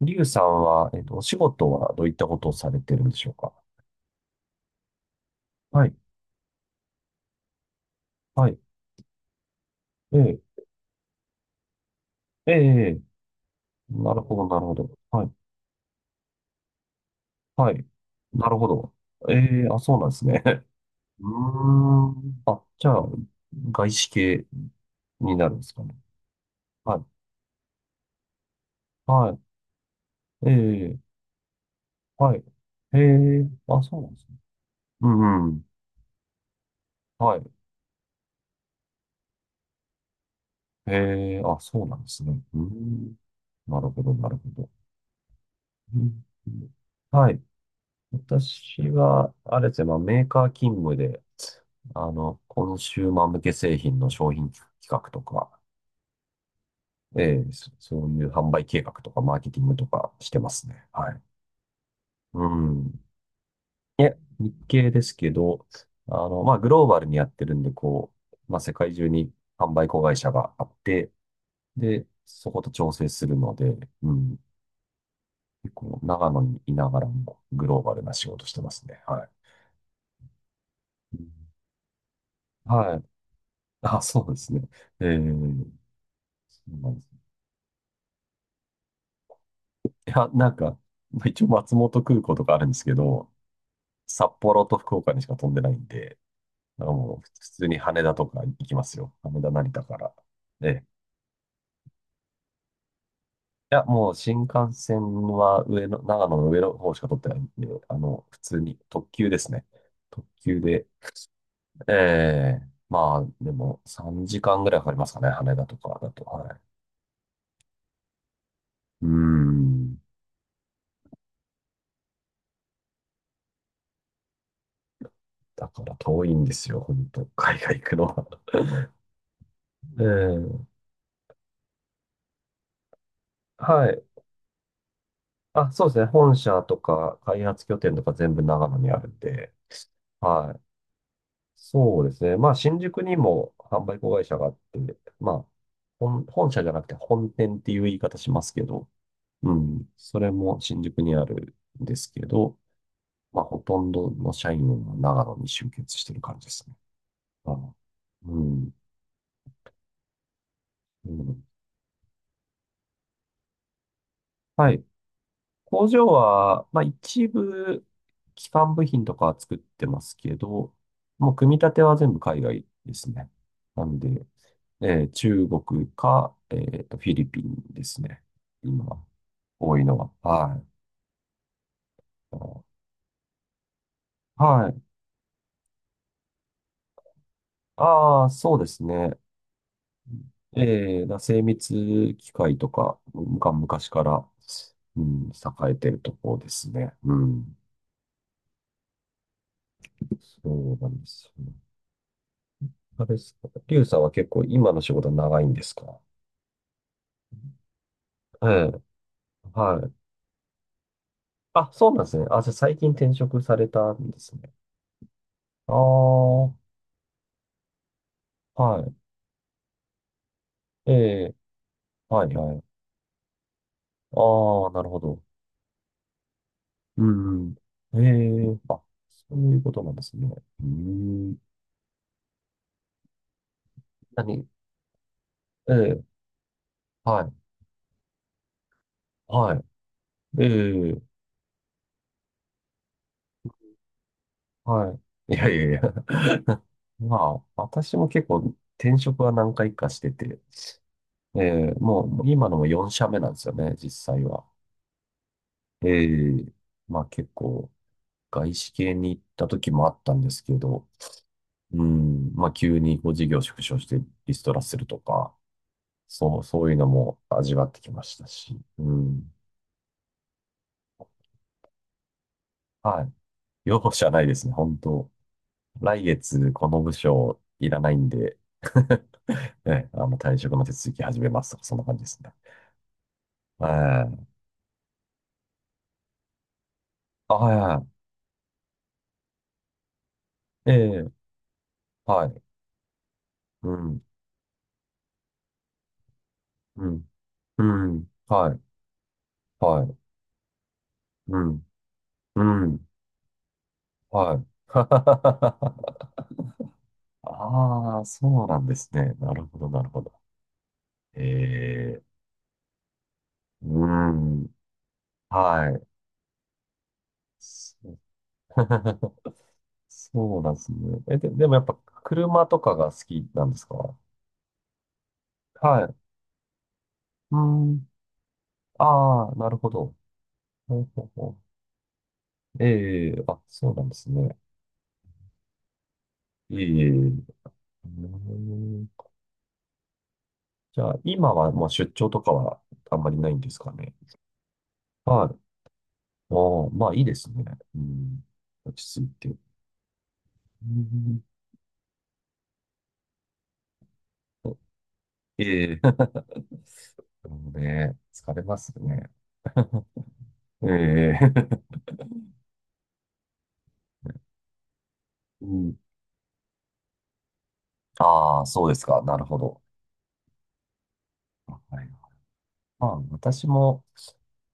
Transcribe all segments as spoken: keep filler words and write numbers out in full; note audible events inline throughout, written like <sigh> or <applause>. リュウさんは、えっと、お仕事はどういったことをされてるんでしょうか？はい、はい、ええ、ええ、ええ、なるほど、なるほど。はい、はい、なるほど。ええ、あ、そうなんですね。<laughs> うーん。あ、じゃあ、外資系になるんですかね。はい、はい、ええ、はい、ええ、あ、そうなんですね。うんうん、はい、ええ、あ、そうなんですね。うーん、なるほど、なるほど。うん、はい。私は、あれですね、まあ、メーカー勤務で、あの、コンシューマー向け製品の商品企画とか、ええ、そそういう販売計画とか、マーケティングとかしてますね。はい。うん。いえ、日系ですけど、あの、まあ、グローバルにやってるんで、こう、まあ、世界中に販売子会社があって、で、そこと調整するので、うん。結構、長野にいながらも、グローバルな仕事してますね。はい。うん、はい。あ、そうですね。ええ、そうなんですね。いや、なんか、まあ一応松本空港とかあるんですけど、札幌と福岡にしか飛んでないんで、あのもう普通に羽田とか行きますよ。羽田、成田から。ええ。いや、もう新幹線は上の、長野の上の方しか取ってないんで、あの、普通に特急ですね。特急で。ええ、まあ、でもさんじかんぐらいかかりますかね。羽田とかだと。はい。うーん。だから遠いんですよ、本当海外行くのは。ええ、はい。あ、そうですね。本社とか開発拠点とか全部長野にあるんで、はい。そうですね。まあ、新宿にも販売子会社があって、まあ、本、本社じゃなくて本店っていう言い方しますけど、うん。それも新宿にあるんですけど、まあ、ほとんどの社員は長野に集結してる感じですね。あ、うん。うん。はい。工場は、まあ、一部、基幹部品とかは作ってますけど、もう組み立ては全部海外ですね。なんで、えー中国か、えーと、フィリピンですね。今、多いのは。はい。はい。ああ、そうですね。えー、だから精密機械とか、が昔から、うん、栄えてるところですね。うん。そうなんですよ。あれですか、リュウさんは結構今の仕事長いんですか？ええ、はい。あ、そうなんですね。あ、じゃあ最近転職されたんですね。ああ、はい。ええ、はい、はい。ああ、なるほど。うん、うん。ええ、そういうことなんですね。うーん。何、ええ、はい、はい。ええ、はい。いやいやいや。まあ、私も結構転職は何回かしてて、ええ、もう今のもよん社目なんですよね、実際は。ええ、まあ結構外資系に行った時もあったんですけど、うん。まあ、急にこう事業縮小してリストラするとか、そう、そういうのも味わってきましたし。うん。はい。容赦ないですね、本当。来月この部署いらないんで、<laughs> ね、あの退職の手続き始めますとか、そんな感じですね。ええ。あ、はいはい。ええ、はい。うん、うん、うん、はい、はい、うん、うん、はい。<laughs> ああ、そうなんですね。なるほど、なるほど。ええ、うーん。はい。そう。 <laughs> そうなんですね。え、で、でもやっぱ車とかが好きなんですか？はい。うーん。ああ、なるほど。ほうほうほう。ええ、あ、そうなんですね。ええ、うーん。じゃあ、今はもう出張とかはあんまりないんですかね。はい。ああ、まあいいですね。うん。落ち着いて。うん。ええ。 <laughs> でもね、疲れますね。<laughs> ええ、うん。ああ、そうですか。なるほど。はい。まあ、私も、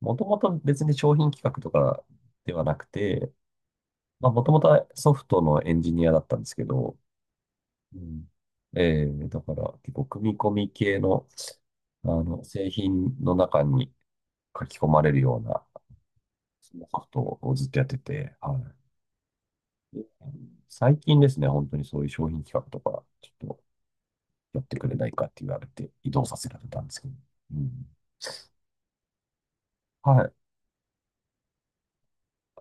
もともと別に商品企画とかではなくて、まあ、もともとはソフトのエンジニアだったんですけど、うん、えー、だから結構組み込み系の、あの、製品の中に書き込まれるような、そのソフトをずっとやってて、はい。で最近ですね、本当にそういう商品企画とか、ちょっとやってくれないかって言われて、移動させられたんですけど、うん。はい。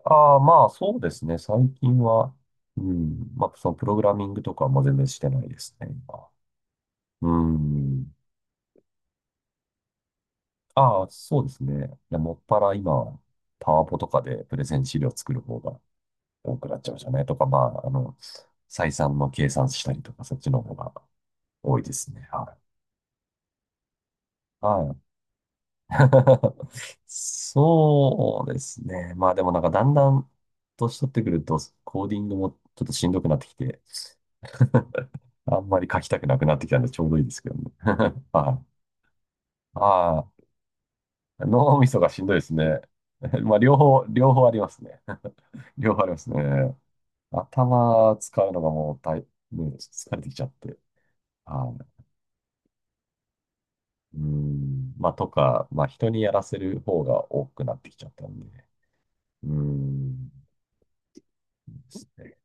ああ、まあそうですね。最近は、うん、まあそのプログラミングとかも全然してないですね、今。うん。ああ、そうですね。いや、もっぱら今、パワポとかでプレゼン資料作る方が多くなっちゃいましたね。とか、まあ、あの、採算の計算したりとか、そっちの方が多いですね。はい。はい。<laughs> そうですね。まあでもなんかだんだん年取ってくると、コーディングもちょっとしんどくなってきて、あんまり書きたくなくなってきたんでちょうどいいですけどね。<laughs> はい。ああ、脳みそがしんどいですね。<laughs> まあ、両方、両方ありますね。<laughs> 両方ありますね。頭使うのがもう大、ね、疲れてきちゃって。はい。うん。まあ、とか、まあ、人にやらせる方が多くなってきちゃったんで。うん。ですね。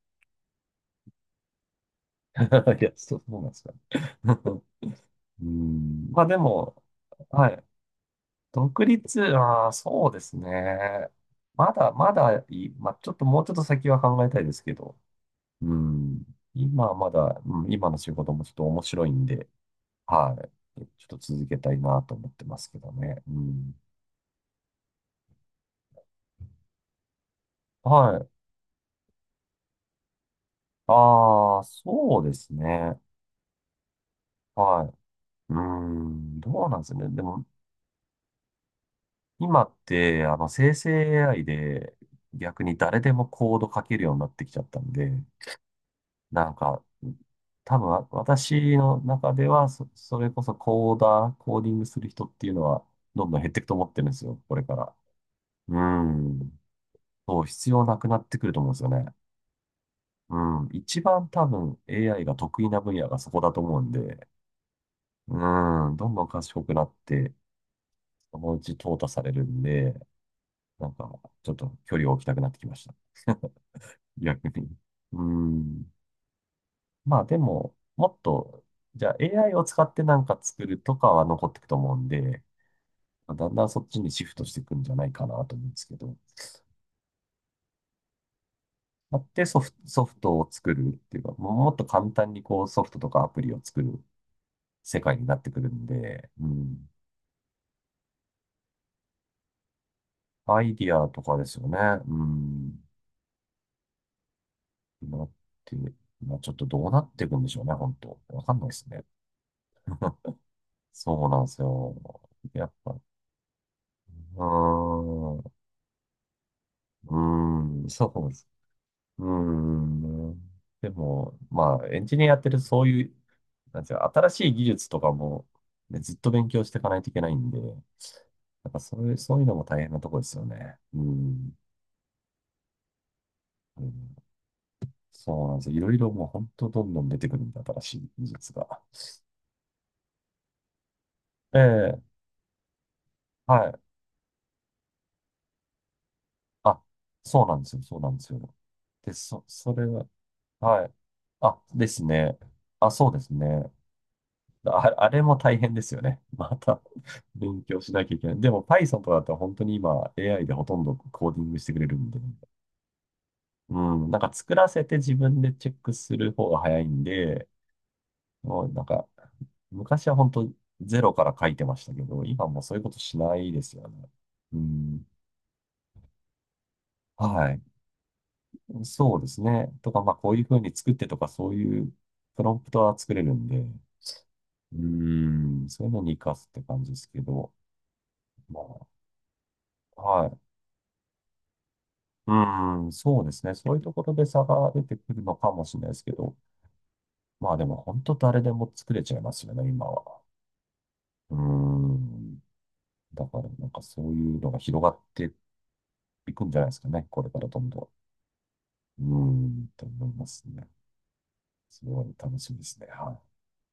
<laughs> いや、そうそうなんですかね。<laughs> うん。まあ、でも、はい。独立、ああ、そうですね。まだ、まだいい、まあ、ちょっともうちょっと先は考えたいですけど、うん。今はまだ、うん、今の仕事もちょっと面白いんで、はい。ちょっと続けたいなと思ってますけどね。うん。はい。ああ、そうですね。はい。うーん、どうなんですかね。でも、今って、あの、生成 エーアイ で逆に誰でもコード書けるようになってきちゃったんで、なんか、多分、わ私の中ではそ、それこそコーダー、コーディングする人っていうのは、どんどん減っていくと思ってるんですよ、これから。うん。そう、必要なくなってくると思うんですよね。うん。一番多分 エーアイ が得意な分野がそこだと思うんで、うん。どんどん賢くなって、そのうち淘汰されるんで、なんか、ちょっと距離を置きたくなってきました。逆に。うん。まあでも、もっと、じゃあ エーアイ を使ってなんか作るとかは残っていくと思うんで、まあだんだんそっちにシフトしていくんじゃないかなと思うんですけど、あってソフト、ソフトを作るっていうか、ももっと簡単にこうソフトとかアプリを作る世界になってくるんで、うん、アイディアとかですよね。うん、なって、まあちょっとどうなっていくんでしょうね、本当。わかんないですね。<laughs> そうなんですよ。やっぱ、うーん、うーん、そうです、うーん。でも、まあ、エンジニアやってるとそういう、なんていうか、新しい技術とかも、ね、ずっと勉強していかないといけないんで、なんかそういう、そういうのも大変なとこですよね。うん。うん、そうなんですよ。いろいろもう本当どんどん出てくるんで、新しい技術が。ええ、はい。あ、そうなんですよ。そうなんですよ。で、そ、それは、はい。あ、ですね。あ、そうですね。あ、あれも大変ですよね。また <laughs> 勉強しなきゃいけない。でも パイソン とかだと本当に今 エーアイ でほとんどコーディングしてくれるんで。うん、なんか作らせて自分でチェックする方が早いんで、もうなんか昔は本当ゼロから書いてましたけど、今もうそういうことしないですよね。うん、はい。そうですね。とか、まあこういう風に作ってとかそういうプロンプトは作れるんで、うん、そういうのに活かすって感じですけど、まあ、はい、うん、そうですね。そういうところで差が出てくるのかもしれないですけど、まあでも本当誰でも作れちゃいますよね、今は。うん。だからなんかそういうのが広がっていくんじゃないですかね、これからどんどん。うん、と思いますね。すごい楽しみですね。はい。